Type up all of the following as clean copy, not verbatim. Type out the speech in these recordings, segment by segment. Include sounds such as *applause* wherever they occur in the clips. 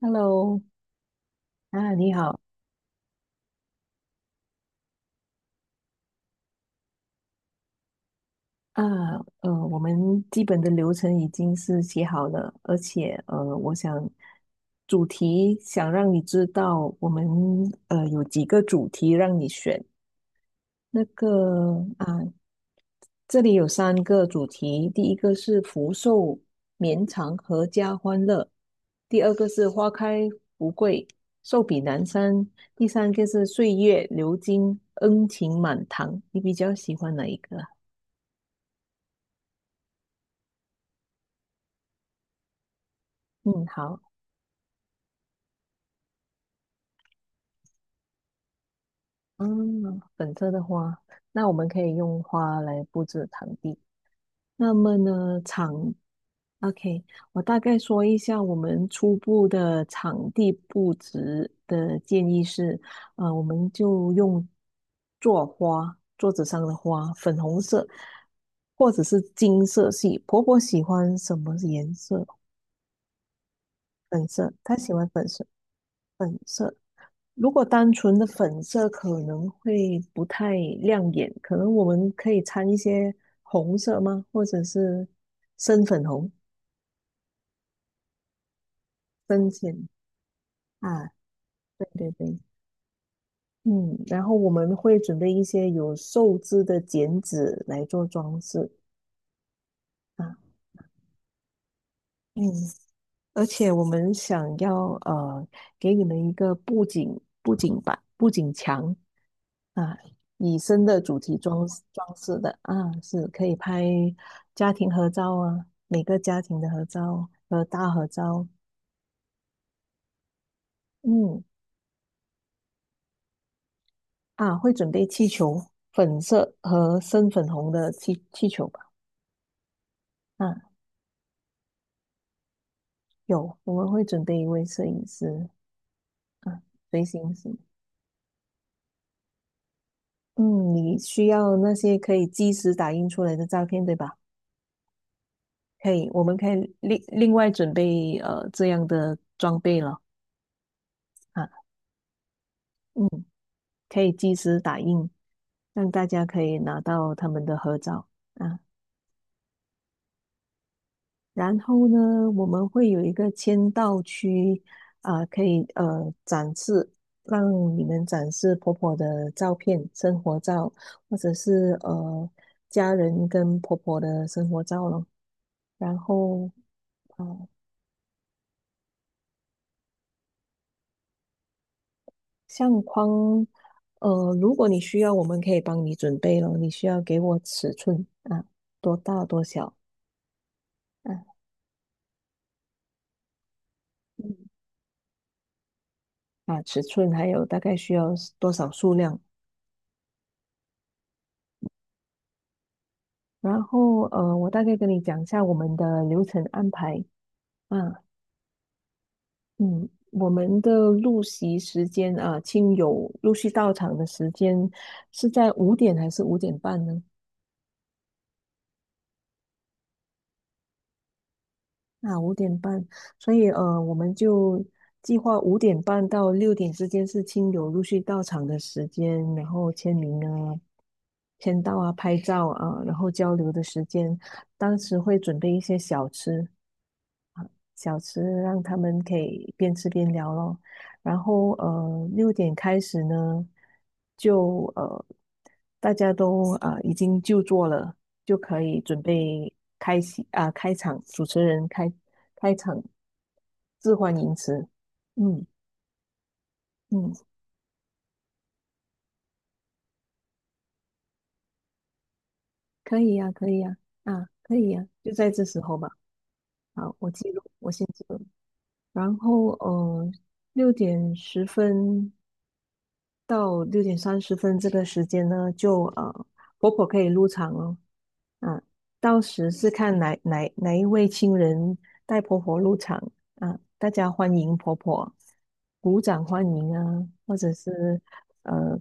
Hello，啊，你好啊，我们基本的流程已经是写好了，而且我想主题想让你知道，我们有几个主题让你选。那个啊，这里有三个主题，第一个是福寿绵长阖家欢乐，第二个是花开富贵寿比南山，第三个是岁月流金恩情满堂。你比较喜欢哪一个啊？嗯，好，嗯，粉色的花，那我们可以用花来布置场地。那么呢，OK，我大概说一下我们初步的场地布置的建议是，我们就用做花，桌子上的花，粉红色或者是金色系。婆婆喜欢什么颜色？粉色，她喜欢粉色，粉色。如果单纯的粉色可能会不太亮眼，可能我们可以掺一些红色吗？或者是深粉红、深浅啊？对对对，嗯，然后我们会准备一些有寿字的剪纸来做装饰啊，嗯，而且我们想要给你们一个布景板、布景墙，啊，以深的主题装饰的啊，是可以拍家庭合照啊，每个家庭的合照和大合照。嗯，啊，会准备气球，粉色和深粉红的气球吧？啊，有，我们会准备一位摄影师啊，随行是。嗯，你需要那些可以即时打印出来的照片，对吧？可以，我们可以另外准备这样的装备了啊。嗯。可以即时打印，让大家可以拿到他们的合照啊。然后呢，我们会有一个签到区啊，可以展示，让你们展示婆婆的照片、生活照，或者是家人跟婆婆的生活照咯。然后，啊，相框，如果你需要，我们可以帮你准备咯。你需要给我尺寸啊，多大多小啊？啊尺寸，还有大概需要多少数量。然后我大概跟你讲一下我们的流程安排啊，嗯，我们的入席时间啊，亲友陆续到场的时间是在五点还是五点半呢？啊，五点半，所以我们就计划五点半到六点之间是亲友陆续到场的时间，然后签名啊、签到啊、拍照啊，然后交流的时间。当时会准备一些小吃，让他们可以边吃边聊咯。然后六点开始呢，就大家都啊、已经就座了，就可以准备开席啊、开场，主持人开场致欢迎词。嗯嗯，可以呀、可以呀、啊，可以呀、就在这时候吧。好，我记录。然后6点10分到六点三十分这个时间呢，就婆婆可以入场哦。啊，到时是看哪一位亲人带婆婆入场啊，大家欢迎婆婆，鼓掌欢迎啊，或者是呃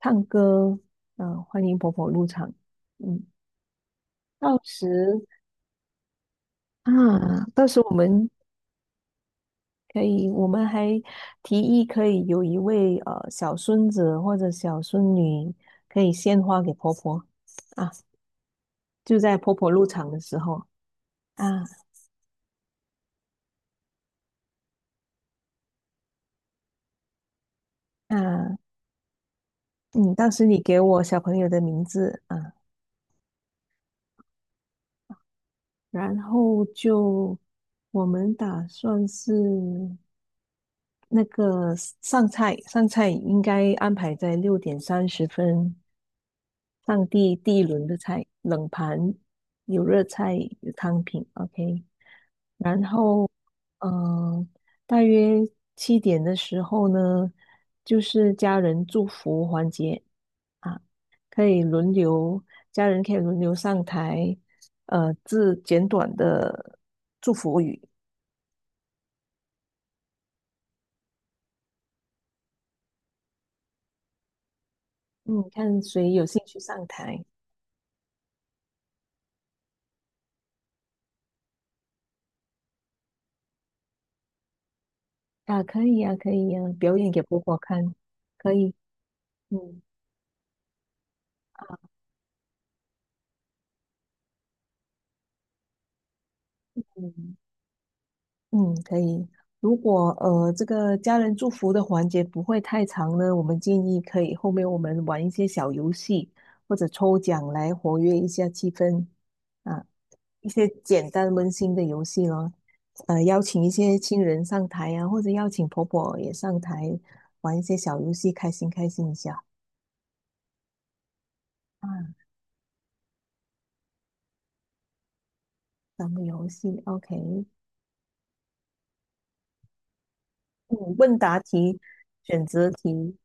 唱歌啊，欢迎婆婆入场。嗯，到时啊，到时我们可以，我们还提议可以有一位小孙子或者小孙女可以献花给婆婆啊，就在婆婆入场的时候啊啊，嗯，当时你给我小朋友的名字啊，然后就我们打算是。那个上菜应该安排在六点三十分上第一轮的菜，冷盘有热菜有汤品，OK。然后，嗯、大约7点的时候呢，就是家人祝福环节啊，可以轮流，家人可以轮流上台，致简短的祝福语，嗯，看谁有兴趣上台。啊，可以啊，可以啊，表演给婆婆看，可以，嗯嗯嗯，可以。如果这个家人祝福的环节不会太长呢，我们建议可以后面我们玩一些小游戏或者抽奖来活跃一下气氛啊，一些简单温馨的游戏咯。邀请一些亲人上台啊，或者邀请婆婆也上台玩一些小游戏，开心开心一下啊。咱们游戏，OK。嗯，问答题、选择题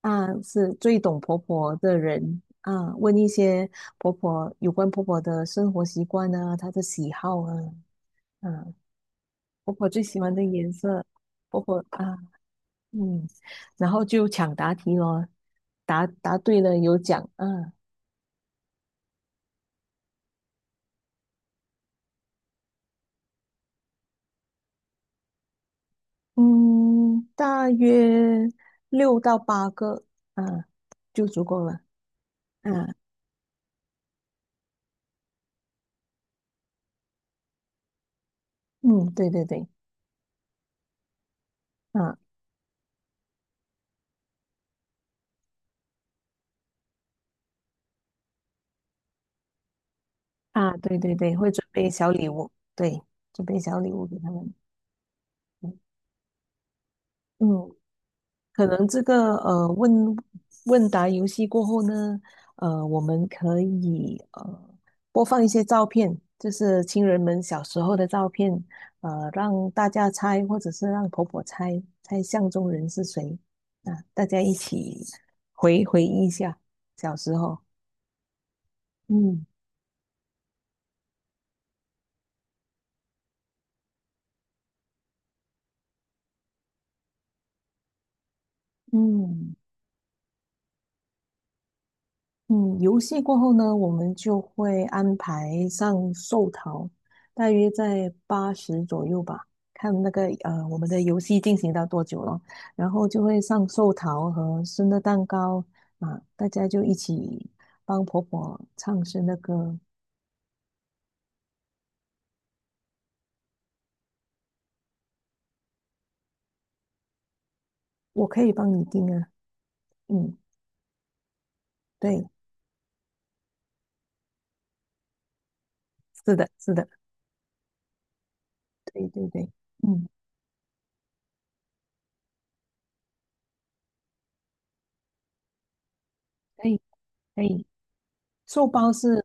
啊，是最懂婆婆的人啊，问一些婆婆有关婆婆的生活习惯啊，她的喜好啊，啊，婆婆最喜欢的颜色，婆婆啊，嗯，然后就抢答题咯，答对了有奖啊，嗯，大约六到八个啊，就足够了啊，嗯，对对对，啊。啊，对对对，会准备小礼物，对，准备小礼物给他们。嗯，嗯可能这个问答游戏过后呢，我们可以播放一些照片，就是亲人们小时候的照片，让大家猜，或者是让婆婆猜，猜相中人是谁啊，大家一起回忆一下小时候。嗯嗯。嗯，游戏过后呢，我们就会安排上寿桃，大约在80左右吧，看那个我们的游戏进行到多久了，然后就会上寿桃和生日蛋糕啊，大家就一起帮婆婆唱生日歌，我可以帮你订啊，嗯，对，是的，是的，对对对，嗯，可以可以，寿包是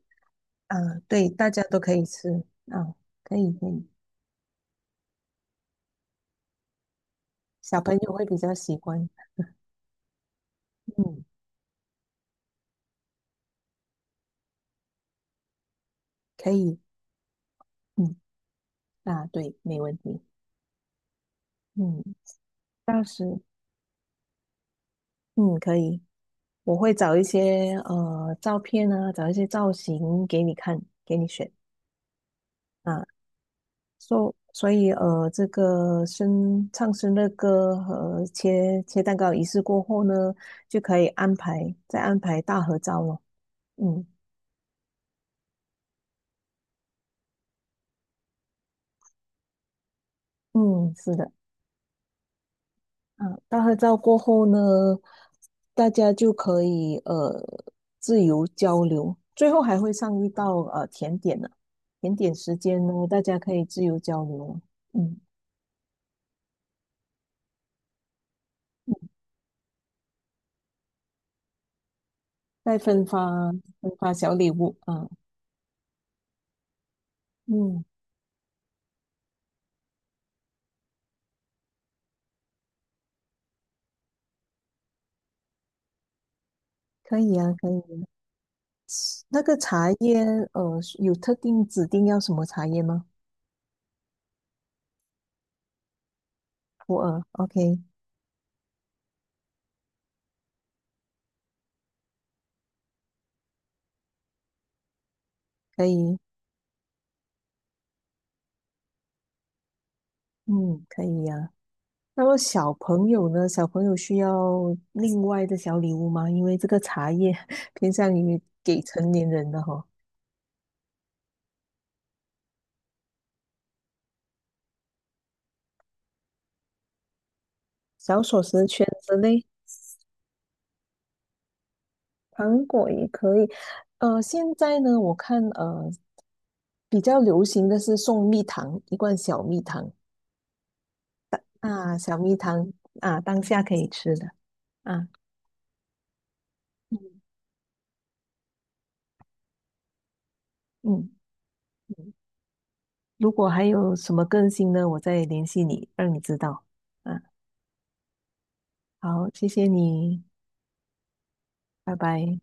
啊，对，大家都可以吃啊，可以可以，小朋友会比较喜欢，嗯。可以，嗯，啊，对，没问题，嗯，到时，嗯，可以，我会找一些照片啊，找一些造型给你看，给你选啊，所以这个唱生日歌和切蛋糕仪式过后呢，就可以安排再安排大合照了，嗯嗯，是的。嗯，大合照过后呢，大家就可以自由交流，最后还会上一道甜点呢。甜点时间呢，大家可以自由交流，嗯，嗯再分发小礼物啊，嗯，可以啊，可以。那个茶叶有特定指定要什么茶叶吗？普洱，OK，可以，嗯，可以呀、那么小朋友呢？小朋友需要另外的小礼物吗？因为这个茶叶 *laughs* 偏向于给成年人的哈、小锁匙圈之类，糖果也可以。现在呢，我看比较流行的是送蜜糖，一罐小蜜糖啊，小蜜糖啊，当下可以吃的啊，嗯，嗯。如果还有什么更新呢，我再联系你，让你知道。啊，好，谢谢你，拜拜。